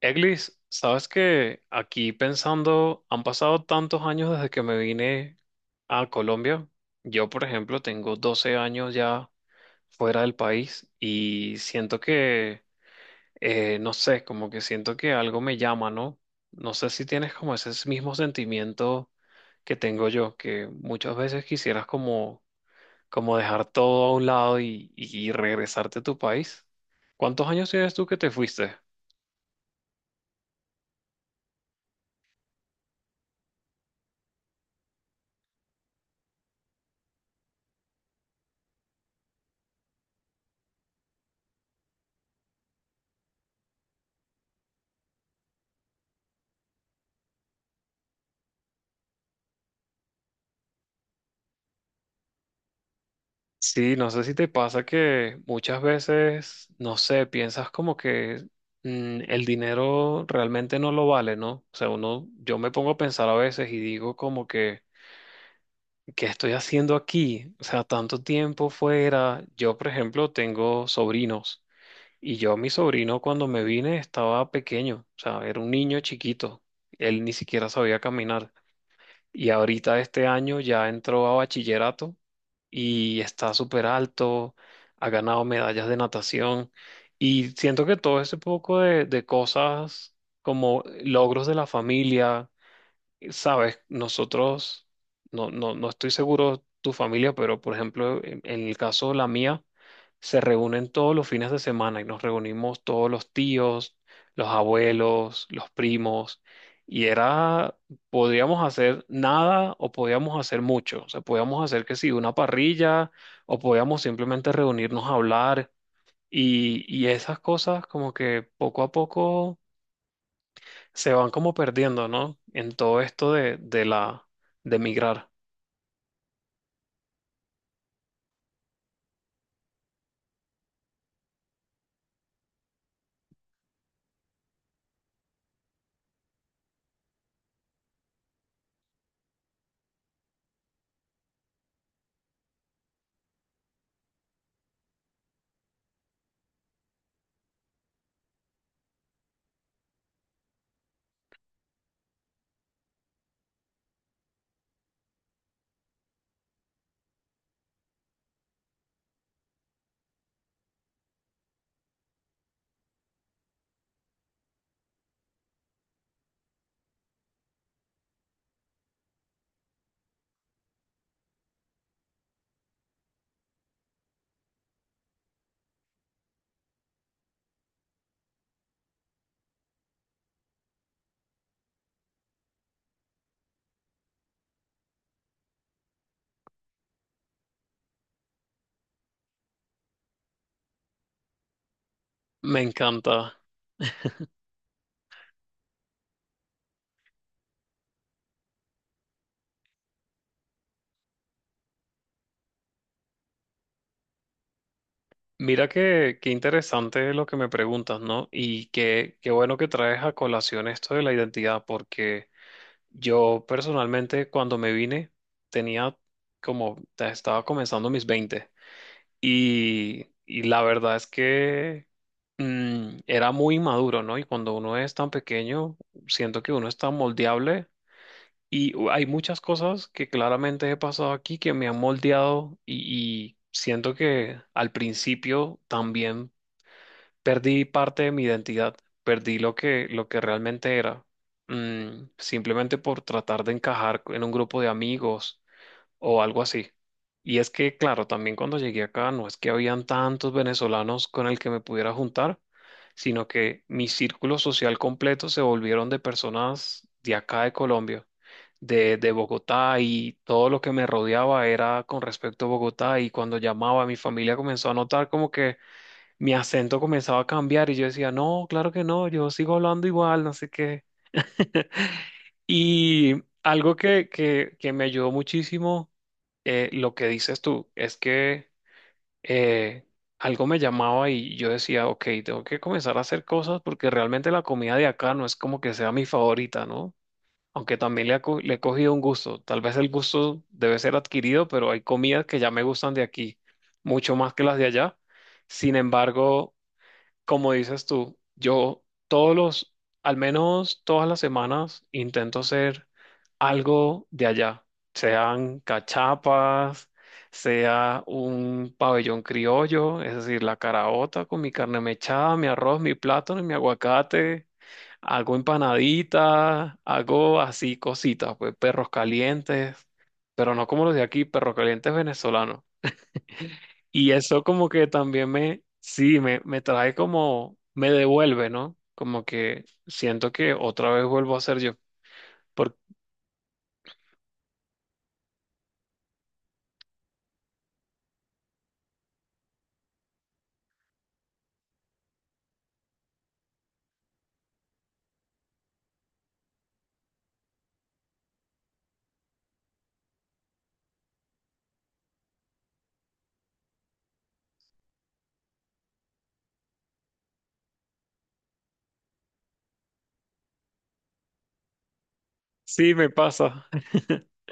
Eglis, sabes que aquí pensando, han pasado tantos años desde que me vine a Colombia. Yo, por ejemplo, tengo 12 años ya fuera del país y siento que, no sé, como que siento que algo me llama, ¿no? No sé si tienes como ese mismo sentimiento que tengo yo, que muchas veces quisieras como, como dejar todo a un lado y regresarte a tu país. ¿Cuántos años tienes tú que te fuiste? Sí, no sé si te pasa que muchas veces, no sé, piensas como que el dinero realmente no lo vale, ¿no? O sea, uno, yo me pongo a pensar a veces y digo como que, ¿qué estoy haciendo aquí? O sea, tanto tiempo fuera. Yo, por ejemplo, tengo sobrinos y yo, mi sobrino, cuando me vine estaba pequeño, o sea, era un niño chiquito, él ni siquiera sabía caminar. Y ahorita este año ya entró a bachillerato y está súper alto, ha ganado medallas de natación y siento que todo ese poco de cosas como logros de la familia. Sabes, nosotros, no estoy seguro tu familia, pero por ejemplo, en el caso de la mía, se reúnen todos los fines de semana y nos reunimos todos los tíos, los abuelos, los primos, y era, podríamos hacer nada o podíamos hacer mucho. O sea, podíamos hacer que sí, una parrilla o podíamos simplemente reunirnos a hablar y esas cosas como que poco a poco se van como perdiendo, ¿no? En todo esto de la de migrar. Me encanta. Mira qué, qué interesante lo que me preguntas, ¿no? Y qué, qué bueno que traes a colación esto de la identidad, porque yo personalmente cuando me vine tenía como, estaba comenzando mis 20 y la verdad es que era muy maduro, ¿no? Y cuando uno es tan pequeño, siento que uno es tan moldeable. Y hay muchas cosas que claramente he pasado aquí que me han moldeado y siento que al principio también perdí parte de mi identidad, perdí lo que realmente era, simplemente por tratar de encajar en un grupo de amigos o algo así. Y es que, claro, también cuando llegué acá no es que habían tantos venezolanos con el que me pudiera juntar, sino que mi círculo social completo se volvieron de personas de acá de Colombia, de Bogotá y todo lo que me rodeaba era con respecto a Bogotá y cuando llamaba mi familia comenzó a notar como que mi acento comenzaba a cambiar y yo decía, no, claro que no, yo sigo hablando igual, no sé qué. Y algo que me ayudó muchísimo lo que dices tú es que eh, algo me llamaba y yo decía, ok, tengo que comenzar a hacer cosas porque realmente la comida de acá no es como que sea mi favorita, ¿no? Aunque también le, le he cogido un gusto. Tal vez el gusto debe ser adquirido, pero hay comidas que ya me gustan de aquí, mucho más que las de allá. Sin embargo, como dices tú, yo todos los, al menos todas las semanas, intento hacer algo de allá, sean cachapas, sea un pabellón criollo, es decir, la caraota con mi carne mechada, mi arroz, mi plátano y mi aguacate. Hago empanaditas, hago así cositas, pues perros calientes, pero no como los de aquí, perros calientes venezolanos. Y eso como que también me, sí, me trae como, me devuelve, ¿no? Como que siento que otra vez vuelvo a ser yo. Porque sí, me pasa.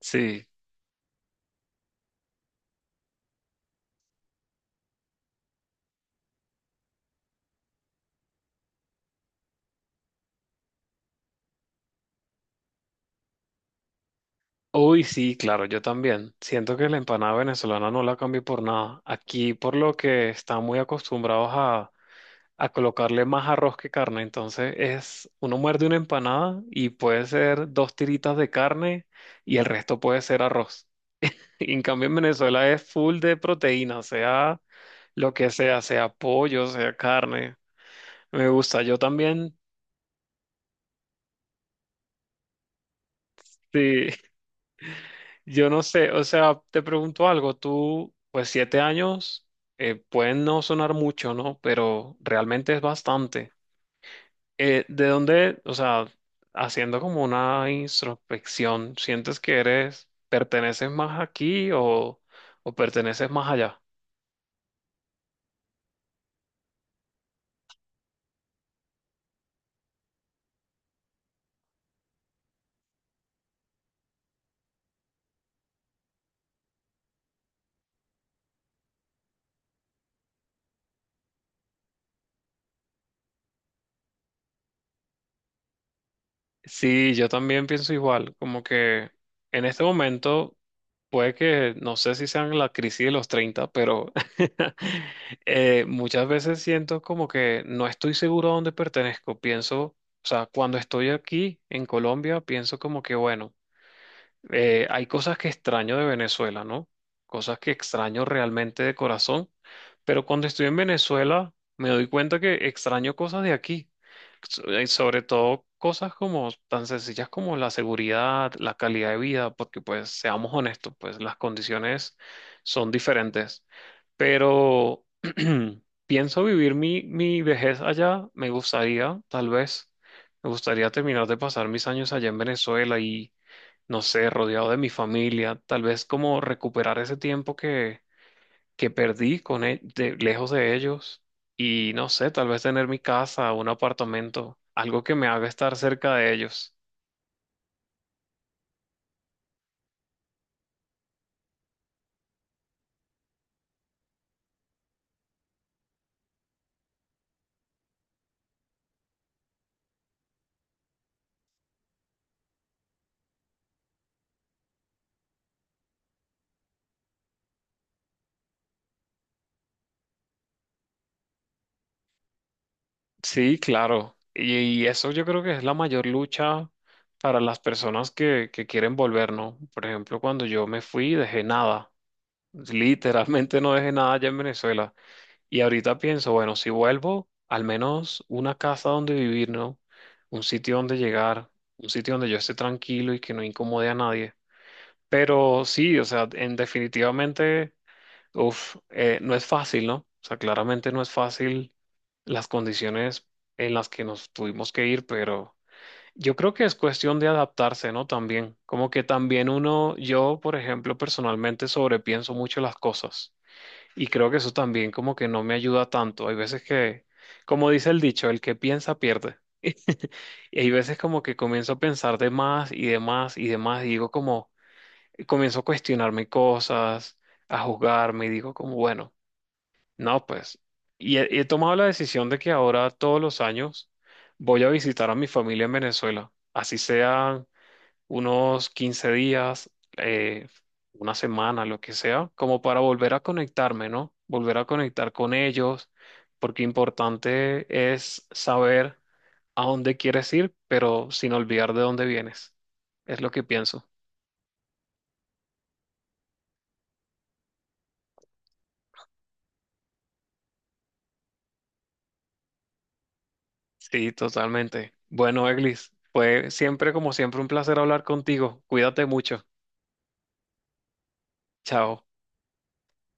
Sí. Uy, sí, claro, yo también. Siento que la empanada venezolana no la cambio por nada. Aquí, por lo que están muy acostumbrados a colocarle más arroz que carne. Entonces, es, uno muerde una empanada y puede ser dos tiritas de carne y el resto puede ser arroz. Y en cambio en Venezuela es full de proteína, sea lo que sea, sea pollo, sea carne. Me gusta. Yo también, sí, yo no sé, o sea, te pregunto algo, tú, pues 7 años, pueden no sonar mucho, ¿no? Pero realmente es bastante. ¿De dónde, o sea, haciendo como una introspección, sientes que eres, perteneces más aquí o perteneces más allá? Sí, yo también pienso igual, como que en este momento puede que, no sé si sean la crisis de los 30, pero muchas veces siento como que no estoy seguro a dónde pertenezco. Pienso, o sea, cuando estoy aquí en Colombia, pienso como que, bueno. Hay cosas que extraño de Venezuela, ¿no? Cosas que extraño realmente de corazón, pero cuando estoy en Venezuela me doy cuenta que extraño cosas de aquí, sobre todo cosas como tan sencillas como la seguridad, la calidad de vida, porque pues seamos honestos, pues las condiciones son diferentes, pero pienso vivir mi vejez allá, me gustaría, tal vez, me gustaría terminar de pasar mis años allá en Venezuela y no sé, rodeado de mi familia, tal vez como recuperar ese tiempo que perdí con lejos de ellos y no sé, tal vez tener mi casa, un apartamento, algo que me haga estar cerca de ellos. Sí, claro. Y eso yo creo que es la mayor lucha para las personas que quieren volver, ¿no? Por ejemplo, cuando yo me fui, dejé nada. Literalmente no dejé nada allá en Venezuela. Y ahorita pienso, bueno, si vuelvo, al menos una casa donde vivir, ¿no? Un sitio donde llegar, un sitio donde yo esté tranquilo y que no incomode a nadie. Pero sí, o sea, en definitivamente, no es fácil, ¿no? O sea, claramente no es fácil las condiciones en las que nos tuvimos que ir, pero yo creo que es cuestión de adaptarse, ¿no? También, como que también uno, yo, por ejemplo, personalmente sobrepienso mucho las cosas. Y creo que eso también como que no me ayuda tanto. Hay veces que, como dice el dicho, el que piensa pierde. Y hay veces como que comienzo a pensar de más y de más y de más y digo como, y comienzo a cuestionarme cosas, a juzgarme y digo como, bueno, no, pues. Y he tomado la decisión de que ahora todos los años voy a visitar a mi familia en Venezuela, así sea unos 15 días, eh, una semana, lo que sea, como para volver a conectarme, ¿no? Volver a conectar con ellos, porque importante es saber a dónde quieres ir, pero sin olvidar de dónde vienes. Es lo que pienso. Sí, totalmente. Bueno, Eglis, fue siempre como siempre un placer hablar contigo. Cuídate mucho. Chao.